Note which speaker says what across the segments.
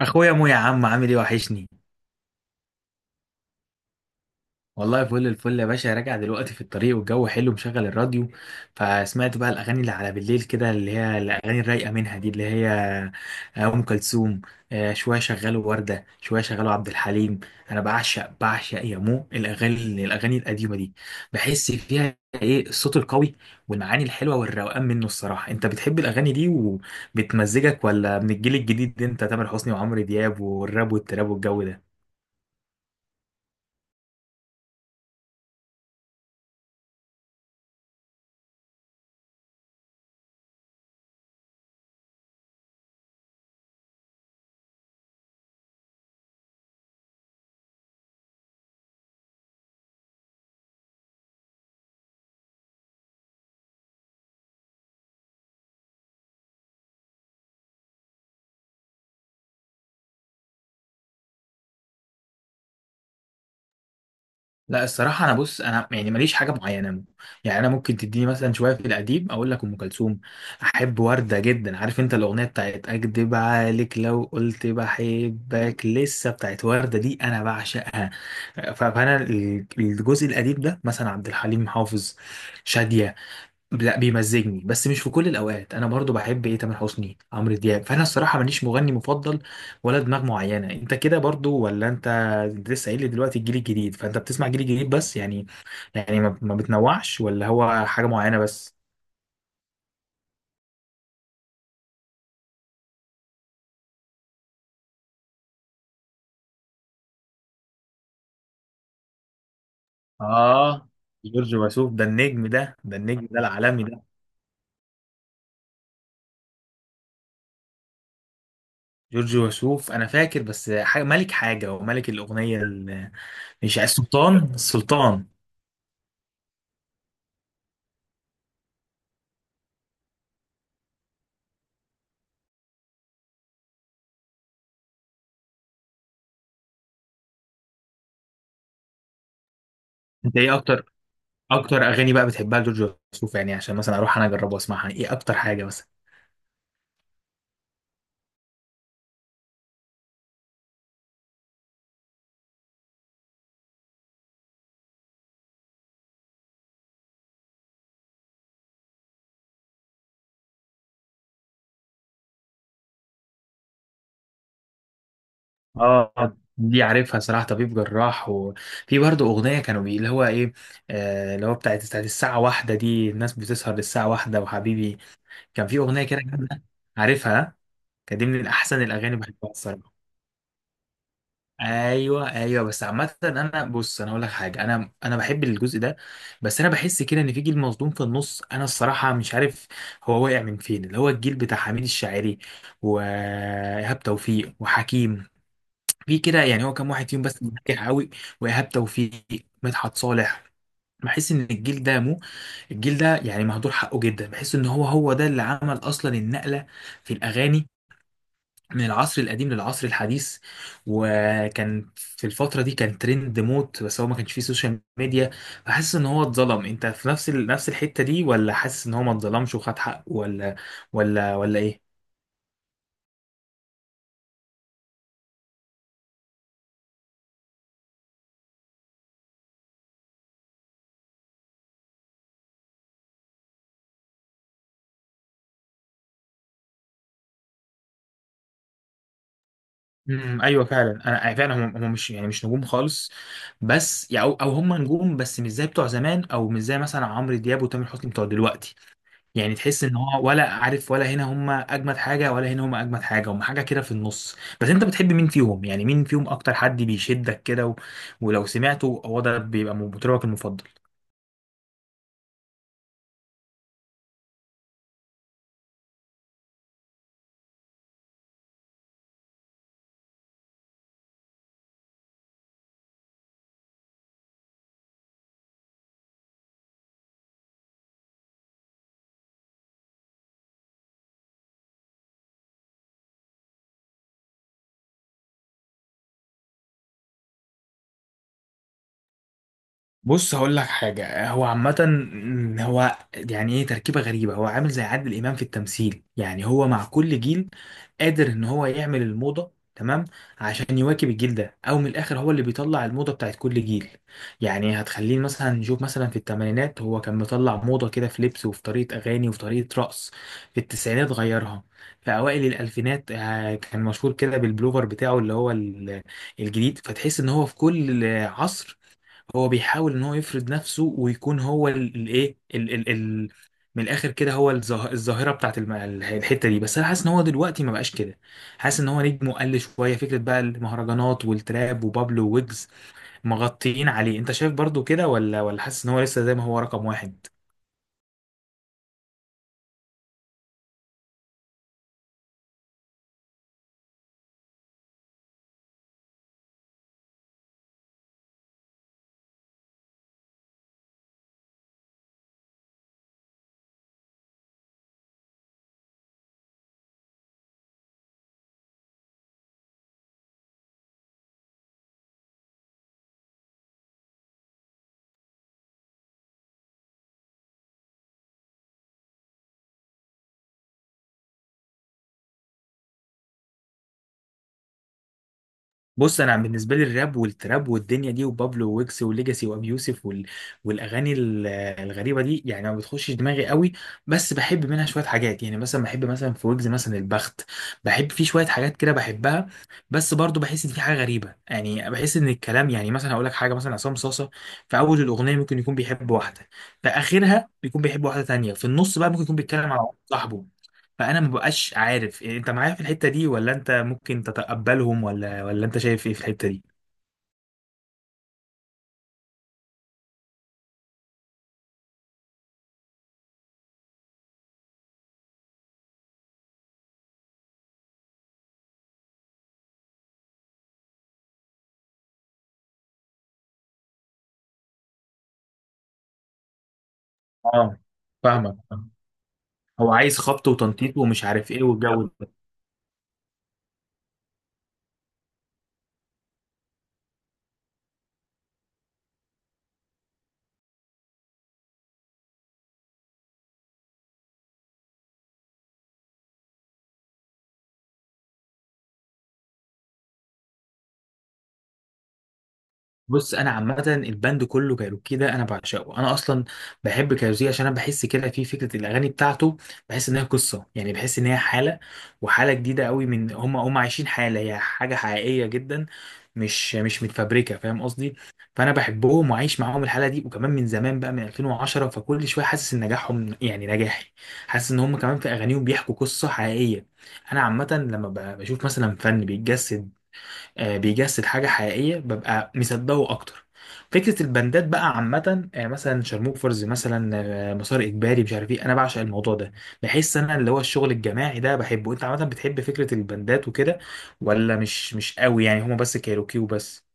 Speaker 1: اخويا مو، يا عم، عامل ايه؟ وحشني. والله فل الفل يا باشا، راجع دلوقتي في الطريق والجو حلو، مشغل الراديو. فسمعت بقى الاغاني اللي على بالليل كده، اللي هي الاغاني الرايقه منها، دي اللي هي ام كلثوم. شويه شغلوا ورده، شويه شغلوا عبد الحليم. انا بعشق يا مو الاغاني القديمه دي. بحس فيها ايه الصوت القوي، والمعاني الحلوه والروقان منه. الصراحه، انت بتحب الاغاني دي وبتمزجك، ولا من الجيل الجديد ده؟ انت تامر حسني وعمرو دياب والراب والتراب والجو ده؟ لا، الصراحة أنا بص، أنا يعني ماليش حاجة معينة. يعني أنا ممكن تديني مثلا شوية في القديم، أقول لك أم كلثوم، أحب وردة جدا. عارف أنت الأغنية بتاعت أكدب عليك لو قلت بحبك لسه، بتاعت وردة دي، أنا بعشقها. فأنا الجزء القديم ده، مثلا عبد الحليم حافظ، شادية. لا بيمزجني، بس مش في كل الاوقات. انا برضو بحب ايه، تامر حسني، عمرو دياب. فانا الصراحه ماليش مغني مفضل ولا دماغ معينه. انت كده برضو، ولا انت، أنت لسه قايل لي دلوقتي الجيل الجديد، فانت بتسمع جيل جديد بس؟ يعني يعني ما بتنوعش، ولا هو حاجه معينه بس؟ اه، جورج وسوف ده النجم، ده النجم ده العالمي ده. جورج وسوف، انا فاكر بس حاجة ملك، حاجه وملك الاغنيه مش السلطان، السلطان؟ انت ايه اكتر اغاني بقى بتحبها لجورج وسوف؟ يعني عشان مثلا اروح انا اجرب واسمعها. يعني ايه اكتر حاجه مثلا؟ اه، دي عارفها صراحه، طبيب جراح. وفي برضه اغنيه كانوا بي، اللي هو ايه، اللي هو بتاعت الساعه واحدة دي، الناس بتسهر للساعه واحدة وحبيبي. كان في اغنيه كده جامدة. عارفها؟ كانت دي من احسن الاغاني، بحبها الصراحه. ايوه، ايوه. بس عامه انا بص، انا اقول لك حاجه، انا بحب الجزء ده، بس انا بحس كده ان في جيل مظلوم في النص، انا الصراحه مش عارف هو واقع من فين. اللي هو الجيل بتاع حميد الشاعري وايهاب توفيق وحكيم. في كده، يعني هو كام واحد فيهم بس ناجح قوي. وايهاب توفيق، مدحت صالح. بحس ان الجيل ده، مو، الجيل ده يعني مهدور حقه جدا. بحس ان هو هو ده اللي عمل اصلا النقله في الاغاني من العصر القديم للعصر الحديث. وكان في الفترة دي كان ترند موت، بس هو ما كانش فيه سوشيال ميديا. فحاسس ان هو اتظلم. انت في نفس الحتة دي، ولا حاسس ان هو ما اتظلمش وخد حقه؟ ولا، ولا ايه؟ ايوه فعلا. انا فعلا هم مش يعني مش نجوم خالص. بس يعني، او أو هم نجوم بس مش زي بتوع زمان، او مش زي مثلا عمرو دياب وتامر حسني بتوع دلوقتي. يعني تحس ان هو، ولا عارف، ولا هنا هم اجمد حاجه ولا هنا هم اجمد حاجه، هم حاجه كده في النص. بس انت بتحب مين فيهم؟ يعني مين فيهم اكتر حد بيشدك كده، و... ولو سمعته هو ده بيبقى مطربك المفضل؟ بص، هقول لك حاجة، هو عامة، هو يعني ايه، تركيبة غريبة. هو عامل زي عادل إمام في التمثيل، يعني هو مع كل جيل قادر ان هو يعمل الموضة تمام عشان يواكب الجيل ده. او من الاخر، هو اللي بيطلع الموضة بتاعت كل جيل. يعني هتخليه مثلا، نشوف مثلا في الثمانينات هو كان مطلع موضة كده في لبس وفي طريقة اغاني وفي طريقة رقص. في التسعينات غيرها. في اوائل الالفينات كان مشهور كده بالبلوفر بتاعه اللي هو الجديد. فتحس ان هو في كل عصر، هو بيحاول ان هو يفرض نفسه ويكون هو الايه، ال إيه، ال ال من الاخر كده، هو الظاهره بتاعت الحته دي. بس انا حاسس ان هو دلوقتي ما بقاش كده. حاسس ان هو نجمه قل شويه، فكره بقى المهرجانات والتراب وبابلو ويجز مغطيين عليه. انت شايف برضو كده، ولا، ولا حاسس ان هو لسه زي ما هو رقم واحد؟ بص، انا بالنسبه لي، الراب والتراب والدنيا دي، وبابلو ويكس وليجاسي وابي يوسف والاغاني الغريبه دي، يعني ما بتخشش دماغي قوي. بس بحب منها شويه حاجات. يعني مثلا بحب مثلا في ويجز مثلا البخت، بحب فيه شويه حاجات كده، بحبها. بس برضو بحس ان في حاجه غريبه. يعني بحس ان الكلام، يعني مثلا هقول لك حاجه، مثلا عصام صاصه في اول الاغنيه ممكن يكون بيحب واحده، في اخرها بيكون بيحب واحده تانية، في النص بقى ممكن يكون بيتكلم عن صاحبه. فانا ما بقاش عارف، إيه، انت معايا في الحته دي، ولا انت ممكن تتقبلهم، ولا، ولا انت شايف ايه في الحته دي؟ اه، فاهمك. هو عايز خبط وتنطيط ومش عارف ايه والجو ده. بص، انا عامه الباند كله، كايروكي ده، انا بعشقه. انا اصلا بحب كايروكي عشان انا بحس كده في فكره الاغاني بتاعته، بحس ان هي قصه، يعني بحس ان هي حاله، وحاله جديده قوي. من، هم هم عايشين حاله، هي حاجه حقيقيه جدا، مش متفبركه، فاهم قصدي. فانا بحبهم وعايش معاهم الحاله دي، وكمان من زمان بقى، من 2010، فكل شويه حاسس ان نجاحهم يعني نجاحي. حاسس ان هم كمان في اغانيهم بيحكوا قصه حقيقيه. انا عامه لما بشوف مثلا فن بيتجسد، بيجسد حاجة حقيقية، ببقى مصدقه أكتر. فكرة البندات بقى عامة، مثلا شارموفرز مثلا، مسار إجباري، مش عارف إيه، أنا بعشق الموضوع ده. بحس أنا اللي هو الشغل الجماعي ده بحبه. أنت عامة بتحب فكرة البندات وكده، ولا مش، مش قوي؟ يعني هما بس كايروكي وبس؟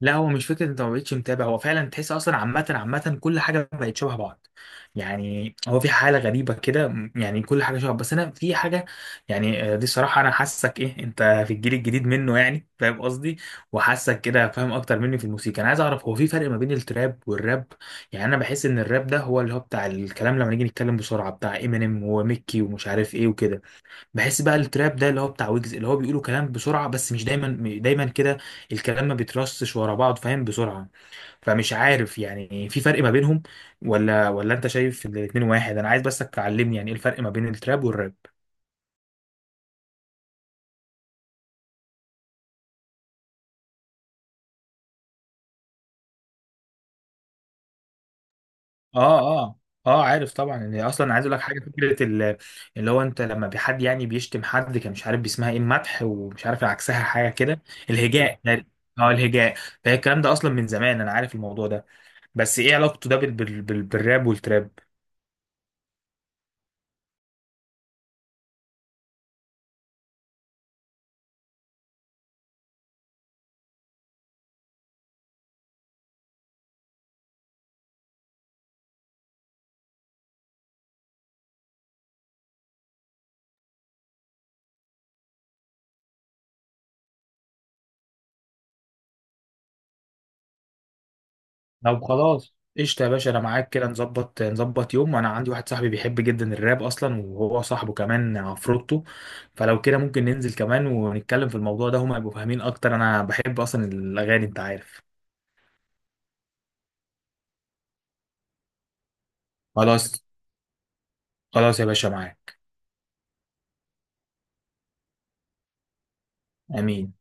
Speaker 1: لا، هو مش فكره انت ما بقتش متابع، هو فعلا تحس اصلا عامه كل حاجه بقت شبه بعض. يعني هو في حاله غريبه كده، يعني كل حاجه شبه. بس انا في حاجه، يعني، دي الصراحه، انا حاسك ايه انت في الجيل الجديد منه، يعني فاهم قصدي؟ وحاسك كده فاهم اكتر مني في الموسيقى. انا عايز اعرف، هو في فرق ما بين التراب والراب؟ يعني انا بحس ان الراب ده هو اللي هو بتاع الكلام لما نيجي نتكلم بسرعه، بتاع امينيم وميكي ومش عارف ايه وكده. بحس بقى التراب ده اللي هو بتاع ويجز، اللي هو بيقولوا كلام بسرعة، بس مش دايما دايما كده الكلام ما بيترصش ورا بعض، فاهم، بسرعة. فمش عارف، يعني في فرق ما بينهم، ولا، ولا انت شايف ان الاتنين واحد؟ انا عايز بس تعلمني يعني ايه الفرق ما بين التراب والراب. اه، اه، اه، عارف طبعا، ان اصلا عايز اقول لك حاجه، فكره اللي هو، انت لما بحد يعني بيشتم حد، كان مش عارف بيسمها ايه، المدح ومش عارف عكسها، حاجه كده. الهجاء، اه، الهجاء. فهي الكلام ده اصلا من زمان، انا عارف الموضوع ده. بس ايه علاقته ده بالراب والتراب؟ طب خلاص، قشطة يا باشا، أنا معاك كده. نظبط يوم. وأنا عندي واحد صاحبي بيحب جدا الراب أصلا، وهو صاحبه كمان عفروتو. فلو كده ممكن ننزل كمان ونتكلم في الموضوع ده، هما يبقوا فاهمين أكتر. أنا بحب أصلا الأغاني، أنت عارف. خلاص، خلاص يا باشا، معاك. أمين.